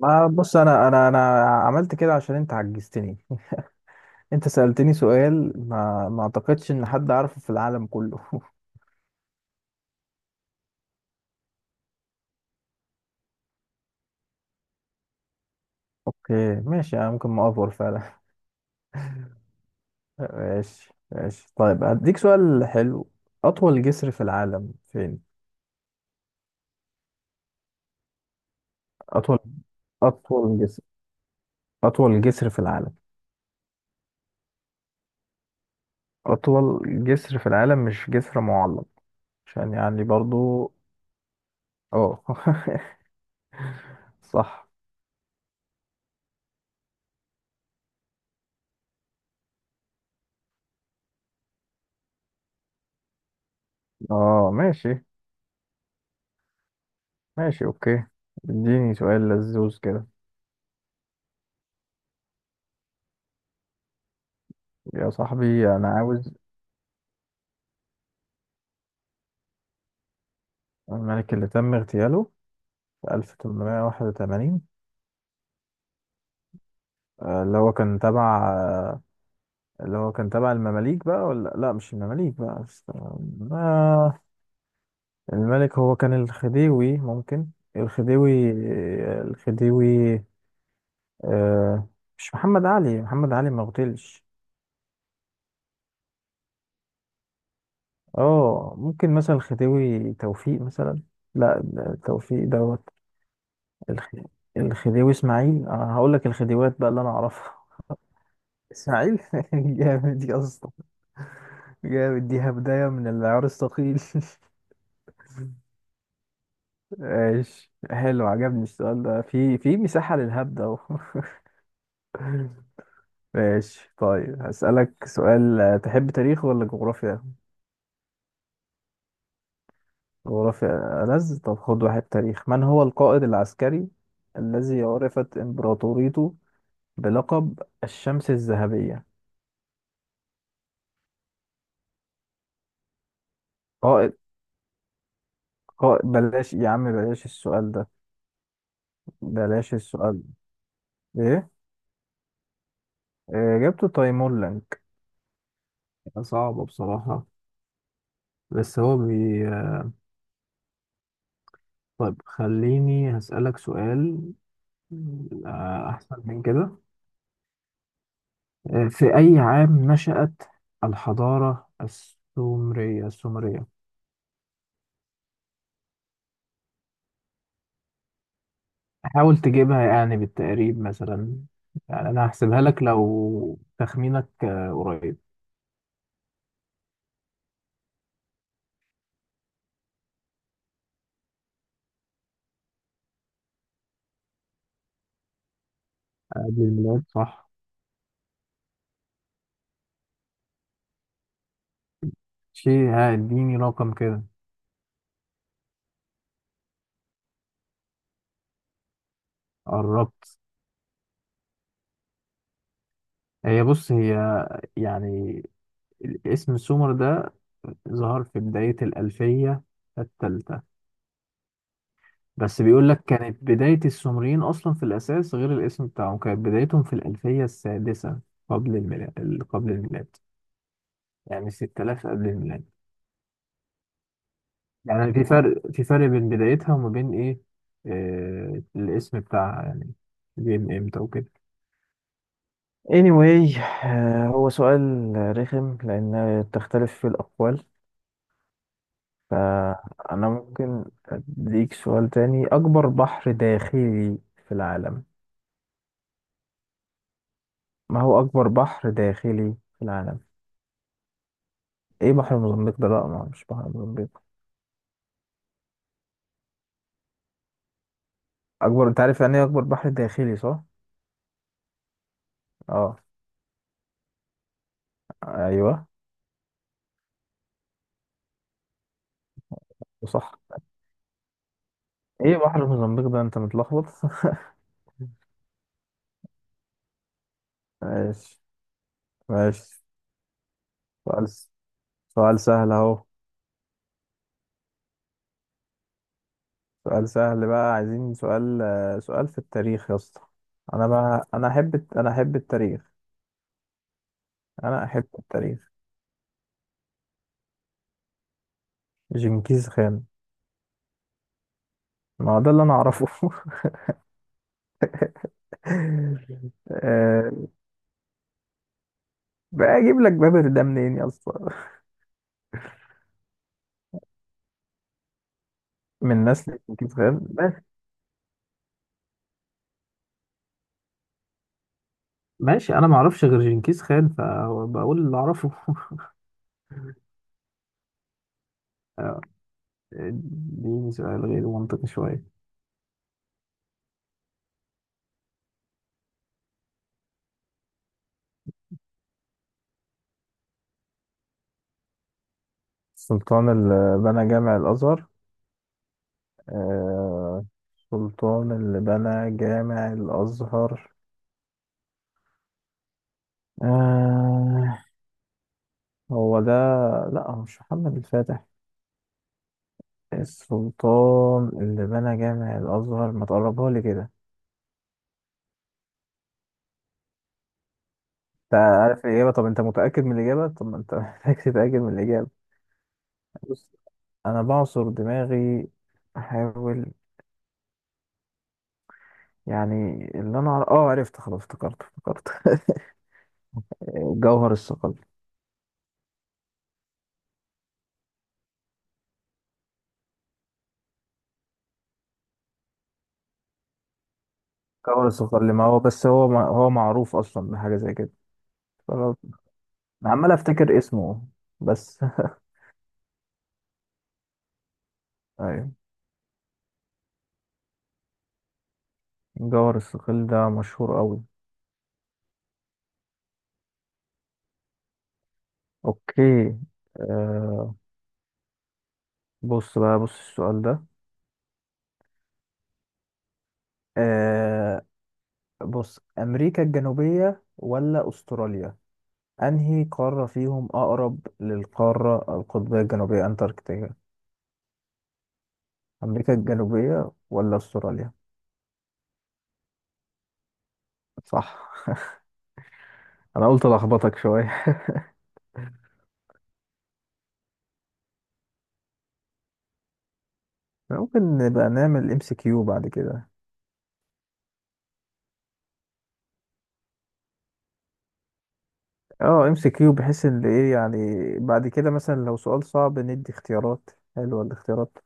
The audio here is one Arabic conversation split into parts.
ما بص، انا عملت كده عشان انت عجزتني انت سألتني سؤال ما اعتقدش ان حد عارفه في العالم كله اوكي ماشي، انا ممكن ما افور فعلا. ماشي ماشي، طيب هديك سؤال حلو. اطول جسر في العالم فين؟ اطول اطول جسر. اطول جسر في العالم. اطول جسر في العالم مش جسر معلق، عشان يعني برضو. اه صح. اه ماشي. ماشي اوكي، اديني سؤال لذوذ كده. يا صاحبي أنا عاوز الملك اللي تم اغتياله في 1881. اللي هو كان تبع اللي هو كان تبع المماليك بقى، ولا لا، مش المماليك بقى، استنى. آه، الملك هو كان الخديوي ممكن. الخديوي الخديوي. آه، مش محمد علي، محمد علي ما اغتيلش. اه، ممكن مثلا الخديوي توفيق مثلا. لا، ده توفيق دوت. الخ- الخديوي اسماعيل، انا هقول لك الخديوات بقى اللي انا اعرفها. اسماعيل جامد يا اسطى. جامد، دي هبداية من العيار الثقيل ماشي، حلو عجبني السؤال ده، في مساحة للهبدة اهو ماشي، طيب هسألك سؤال. تحب تاريخ ولا جغرافيا؟ جغرافيا ألذ. طب خد واحد تاريخ. من هو القائد العسكري الذي عرفت إمبراطوريته بلقب الشمس الذهبية؟ قائد قائد، بلاش يا عم، بلاش السؤال ده، بلاش السؤال. ده. إيه؟ إجابته تيمور. صعبة بصراحة. بس هو بي طيب خليني هسألك سؤال أحسن من كده. في أي عام نشأت الحضارة السومرية؟ حاول تجيبها يعني بالتقريب مثلا. يعني أنا هحسبها لك لو تخمينك قريب. قبل الميلاد، صح. شيء، اديني رقم كده. قربت. هي بص، هي يعني اسم سومر ده ظهر في بداية الألفية الثالثة، بس بيقول لك كانت بداية السومريين أصلا في الأساس، غير الاسم بتاعهم، كانت بدايتهم في الألفية السادسة قبل الميلاد، قبل الميلاد. يعني 6000 قبل الميلاد. يعني في فرق بين بدايتها وما بين إيه، آه الاسم بتاعها يعني جه من إمتى وكده. anyway. هو سؤال رخم لأن تختلف في الأقوال. فأنا ممكن أديك سؤال تاني. أكبر بحر داخلي في العالم. ما هو أكبر بحر داخلي في العالم؟ إيه بحر موزمبيق ده، لأ، ما هو مش بحر موزمبيق. أكبر، أنت عارف يعني إيه أكبر بحر داخلي صح؟ أه، أيوه. وصح. إيه بحر موزمبيق ده، أنت متلخبط ماشي ماشي. سؤال سؤال سهل أهو. سؤال سهل بقى، عايزين سؤال. سؤال في التاريخ يا اسطى. أنا بقى، أنا أحب التاريخ. أنا أحب التاريخ. جنكيز خان. ما هو ده اللي انا اعرفه آه، بقى اجيب لك بابر ده منين يا اسطى؟ من نسل جنكيز خان بس. ماشي، انا ما اعرفش غير جنكيز خان فبقول اللي اعرفه آه، اديني سؤال غير منطقي شويه. السلطان اللي بنى جامع الازهر. آه، السلطان اللي بنى جامع الازهر. آه، هو ده. لا، هو مش محمد الفاتح. السلطان اللي بنى جامع الازهر، ما تقربها لي كده. انت عارف الإجابة؟ طب أنت متأكد من الإجابة؟ طب ما أنت محتاج تتأكد من الإجابة. بص، أنا بعصر دماغي، أحاول يعني. اللي أنا عر... أه عرفت، خلاص افتكرت افتكرت جوهر الصقل. جوهر الصقل ما هو بس هو ما... هو معروف أصلا بحاجة زي كده. فأنا عمال أفتكر اسمه بس. أيوة، جوهر الصقل ده مشهور أوي. أوكي. آه... بص بقى، بص السؤال ده. آه... بص، أمريكا الجنوبية ولا أستراليا؟ أنهي قارة فيهم أقرب للقارة القطبية الجنوبية أنتاركتيكا؟ أمريكا الجنوبية ولا أستراليا؟ صح. أنا قلت ألخبطك شوية. ممكن نبقى نعمل MCQ بعد كده. اه MCQ، بحيث ان ايه يعني بعد كده مثلا لو سؤال صعب، ندي اختيارات. حلوة الاختيارات،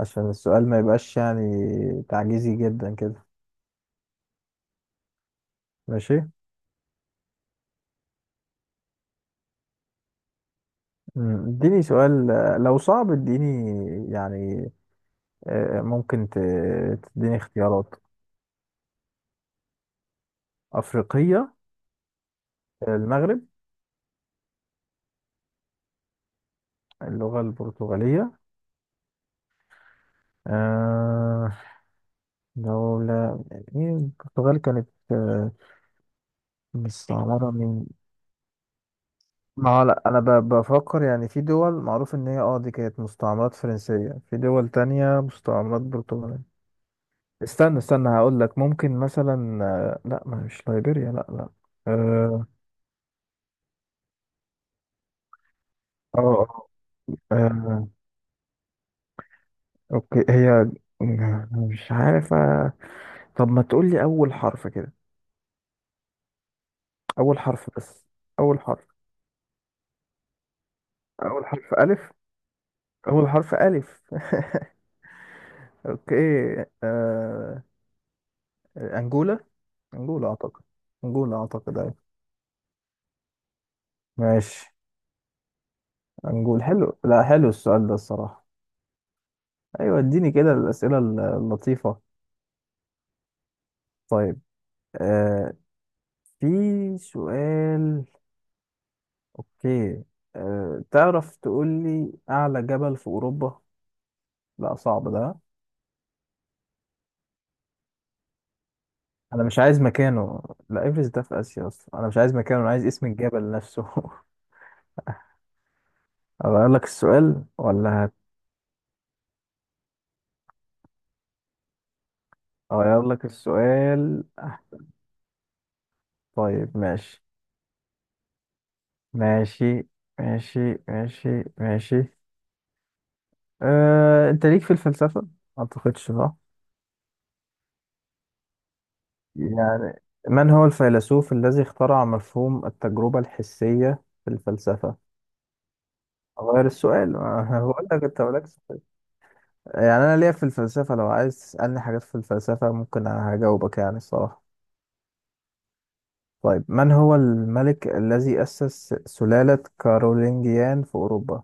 عشان السؤال ما يبقاش يعني تعجيزي جدا كده. ماشي. اديني سؤال لو صعب اديني يعني. آه، ممكن ت- تديني اختيارات. أفريقية. المغرب. اللغة البرتغالية. آه، دولة، إيه، البرتغال كانت آه مستعمرة من. ما هو لا، بفكر يعني في دول معروف إن هي اه دي كانت مستعمرات فرنسية، في دول تانية مستعمرات برتغالية. استنى استنى، هقول لك ممكن مثلا. آه لا، ما مش ليبيريا، لا لا. اه اه. آه، آه، اوكي، هي مش عارف. طب ما تقول لي أول حرف كده؟ أول حرف بس. أول حرف. أول حرف ألف. أول حرف ألف. أوكي. آه... أنجولا. أنجولا أعتقد. أنجولا أعتقد، أيوة. ماشي. أنجول، حلو، لا، حلو السؤال ده الصراحة. أيوة، اديني كده الأسئلة اللطيفة. طيب. آه... في سؤال. أوكي. تعرف تقول لي أعلى جبل في أوروبا؟ لا صعب ده. أنا مش عايز مكانه. لا، إيفرست ده في آسيا أصلا، أنا مش عايز مكانه، أنا عايز اسم الجبل نفسه أغير لك السؤال ولا؟ اغير لك السؤال. طيب ماشي ماشي ماشي ماشي ماشي. أه، انت ليك في الفلسفة ما اعتقدش صح. يعني من هو الفيلسوف الذي اخترع مفهوم التجربة الحسية في الفلسفة؟ اغير السؤال، ما بقول لك انت مالكش سؤال. يعني انا ليا في الفلسفة، لو عايز تسألني حاجات في الفلسفة ممكن هجاوبك يعني الصراحة. طيب، من هو الملك الذي أسس سلالة كارولينجيان في أوروبا؟